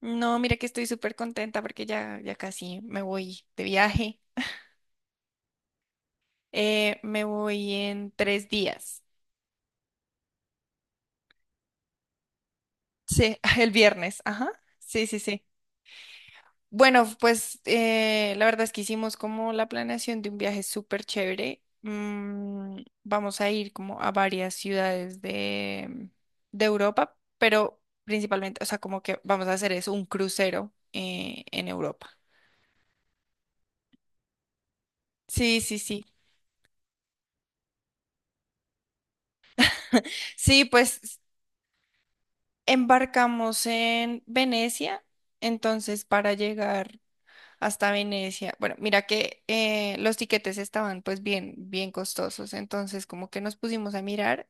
No, mira que estoy súper contenta porque ya casi me voy de viaje. Me voy en 3 días. Sí, el viernes, ajá. Sí, sí, sí. Bueno, pues la verdad es que hicimos como la planeación de un viaje súper chévere. Vamos a ir como a varias ciudades de Europa, pero principalmente, o sea, como que vamos a hacer eso, un crucero en Europa. Sí, sí, sí. Sí, pues. Embarcamos en Venecia, entonces para llegar hasta Venecia. Bueno, mira que los tiquetes estaban pues bien, bien costosos, entonces como que nos pusimos a mirar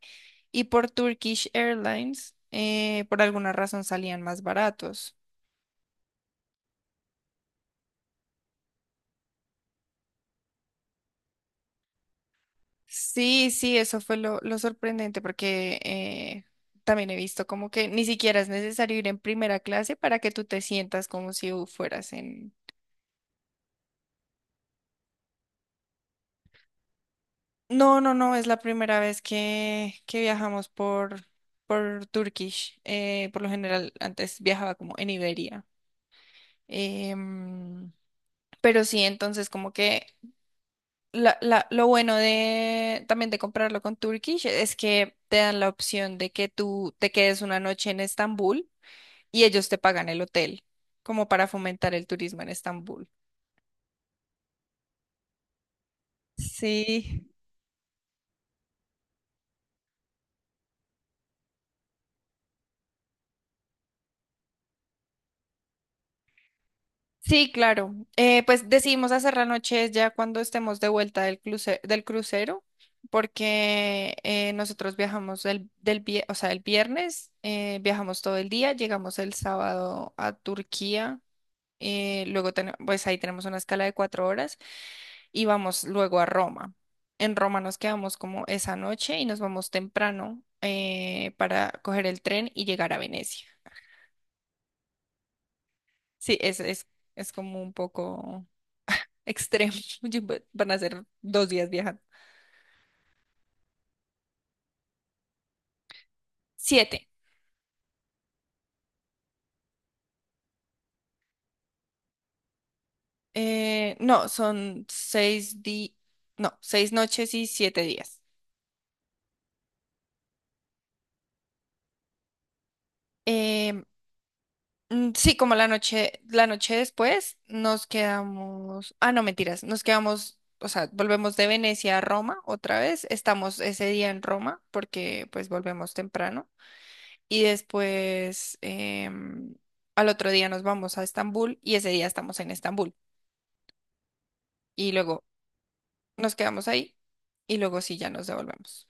y por Turkish Airlines por alguna razón salían más baratos. Sí, sí, eso fue lo sorprendente porque también he visto como que ni siquiera es necesario ir en primera clase para que tú te sientas como si fueras en. No, no, no, es la primera vez que viajamos por Turkish. Por lo general, antes viajaba como en Iberia. Em, pero sí, entonces como que lo bueno de también de comprarlo con Turkish es que te dan la opción de que tú te quedes una noche en Estambul y ellos te pagan el hotel, como para fomentar el turismo en Estambul. Sí. Sí, claro. Pues decidimos hacer la noche ya cuando estemos de vuelta del del crucero, porque nosotros viajamos o sea, el viernes, viajamos todo el día, llegamos el sábado a Turquía, luego pues ahí tenemos una escala de 4 horas y vamos luego a Roma. En Roma nos quedamos como esa noche y nos vamos temprano para coger el tren y llegar a Venecia. Sí, es como un poco extremo. Yo- Van a ser 2 días viajando. Siete. No, son no, 6 noches y 7 días. Em, sí, como la noche después nos quedamos. Ah, no, mentiras, nos quedamos, o sea, volvemos de Venecia a Roma otra vez. Estamos ese día en Roma porque pues volvemos temprano. Y después al otro día nos vamos a Estambul y ese día estamos en Estambul. Y luego nos quedamos ahí y luego sí ya nos devolvemos.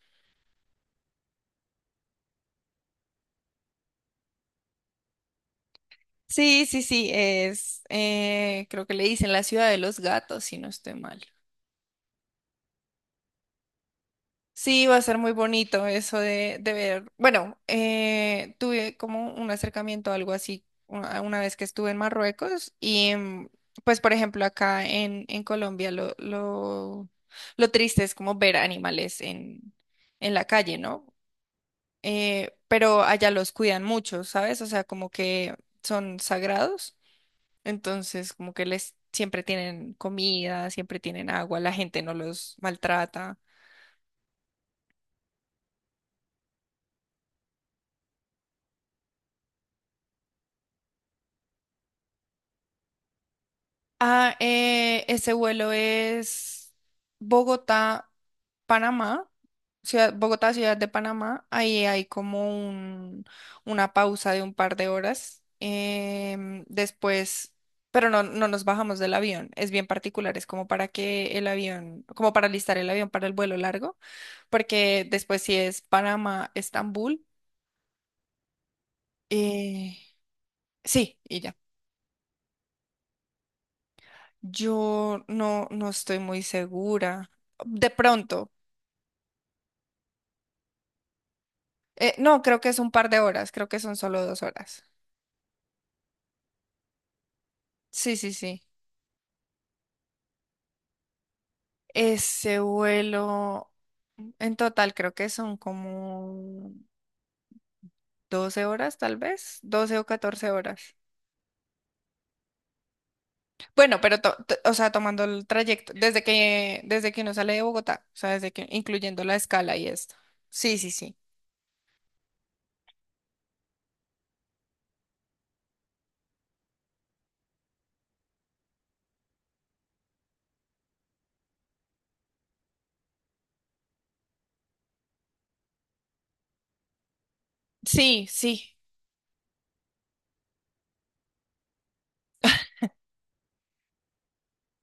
Sí, sí, sí, creo que le dicen la ciudad de los gatos, si no estoy mal. Sí, va a ser muy bonito eso de ver. Bueno, tuve como un acercamiento, algo así, una vez que estuve en Marruecos y pues, por ejemplo, acá en Colombia lo triste es como ver animales en la calle, ¿no? Pero allá los cuidan mucho, ¿sabes? O sea, como que son sagrados, entonces como que les siempre tienen comida, siempre tienen agua, la gente no los maltrata. Ah, ese vuelo es Bogotá, Panamá, ciudad, Bogotá, ciudad de Panamá. Ahí hay como un, una pausa de un par de horas. Después, pero no, no nos bajamos del avión. Es bien particular, es como para que el avión, como para listar el avión para el vuelo largo, porque después sí es Panamá, Estambul. eh, sí, y ya. Yo no, no estoy muy segura. De pronto. No, creo que es un par de horas, creo que son solo 2 horas. Sí, sí, sí. Ese vuelo, en total creo que son como 12 horas, tal vez, 12 o 14 horas. Bueno, pero, o sea, tomando el trayecto, desde que uno sale de Bogotá, o sea, desde que, incluyendo la escala y esto. Sí, sí, sí. Sí, sí.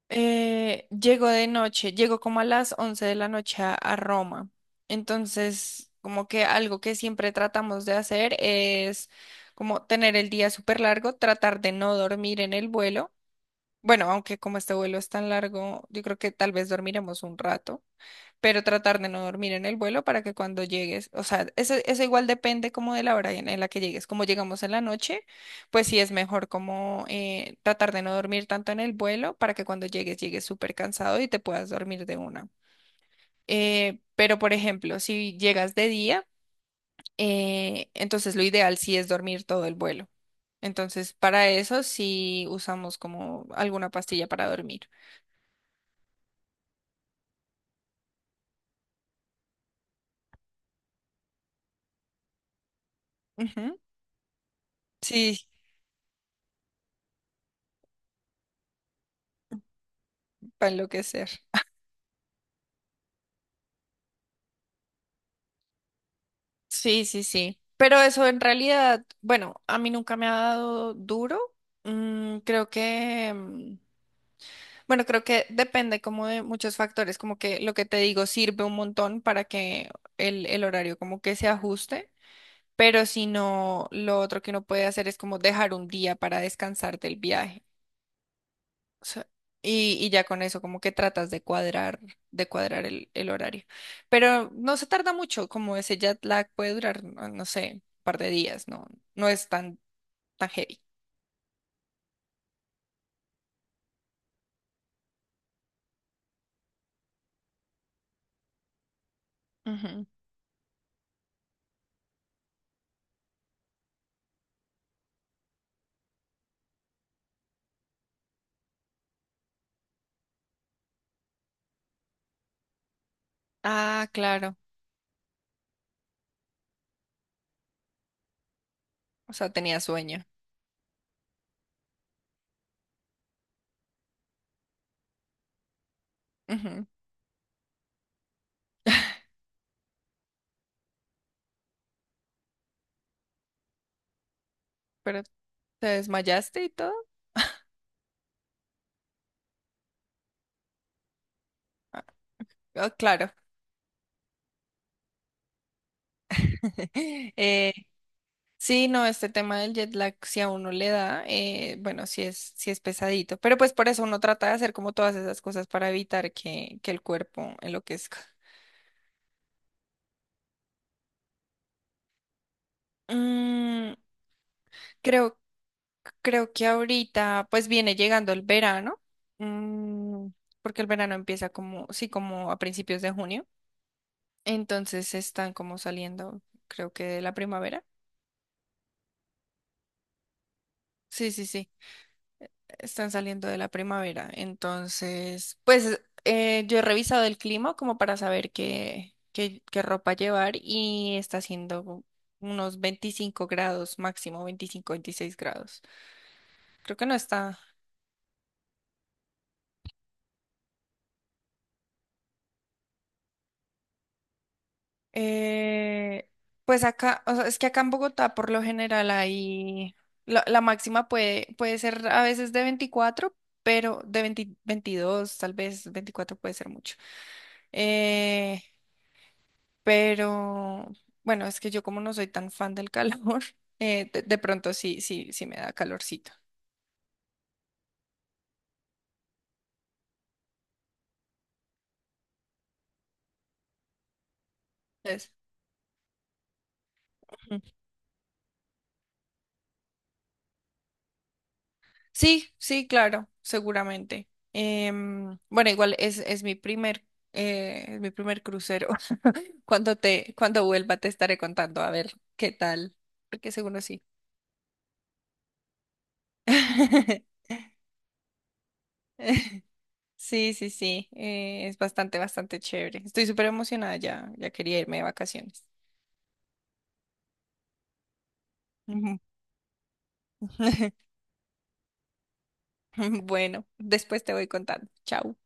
Llego de noche, llego como a las 11 de la noche a Roma. Entonces, como que algo que siempre tratamos de hacer es como tener el día súper largo, tratar de no dormir en el vuelo. Bueno, aunque como este vuelo es tan largo, yo creo que tal vez dormiremos un rato pero tratar de no dormir en el vuelo para que cuando llegues, o sea, eso igual depende como de la hora en la que llegues, como llegamos en la noche, pues sí es mejor como tratar de no dormir tanto en el vuelo para que cuando llegues llegues súper cansado y te puedas dormir de una. Pero por ejemplo, si llegas de día, entonces lo ideal sí es dormir todo el vuelo. Entonces, para eso sí usamos como alguna pastilla para dormir. Ujú. Sí, para enloquecer. Sí, sí, sí. Pero eso en realidad, bueno, a mí nunca me ha dado duro. Creo que, bueno, creo que depende como de muchos factores, como que lo que te digo sirve un montón para que el horario como que se ajuste, pero si no, lo otro que uno puede hacer es como dejar un día para descansar del viaje sea, y ya con eso como que tratas de cuadrar, el horario. Pero no se tarda mucho, como ese jet lag puede durar, no, no sé, un par de días, no, no es tan, tan heavy. Ujú. Ah, claro. O sea, tenía sueño. Ujú. Pero te desmayaste y todo. Ah, ah, claro. Eh, sí, no, este tema del jet lag, si a uno le da, bueno, si es pesadito. Pero pues por eso uno trata de hacer como todas esas cosas para evitar que el cuerpo enloquezca. Mm, creo creo que ahorita pues viene llegando el verano, mm, porque el verano empieza como, sí, como a principios de junio, entonces están como saliendo, creo que de la primavera. Sí, sí, sí, están saliendo de la primavera, entonces pues yo he revisado el clima como para saber qué ropa llevar y está haciendo unos 25 grados máximo, 25 26 grados. Creo que no está. Eh, pues acá, o sea, es que acá en Bogotá por lo general hay, la máxima puede ser a veces de 24, pero de 20 22 tal vez 24 puede ser mucho. Eh, pero bueno, es que yo como no soy tan fan del calor, de pronto sí, sí, sí me da calorcito. Entonces, ujú. Sí, sí, claro, seguramente. Bueno, igual es mi primer crucero. Cuando vuelva te estaré contando a ver qué tal, porque seguro sí. Sí, sí, sí, es bastante, bastante chévere. Estoy súper emocionada ya quería irme de vacaciones. Ujú. Bueno, después te voy contando. Chao.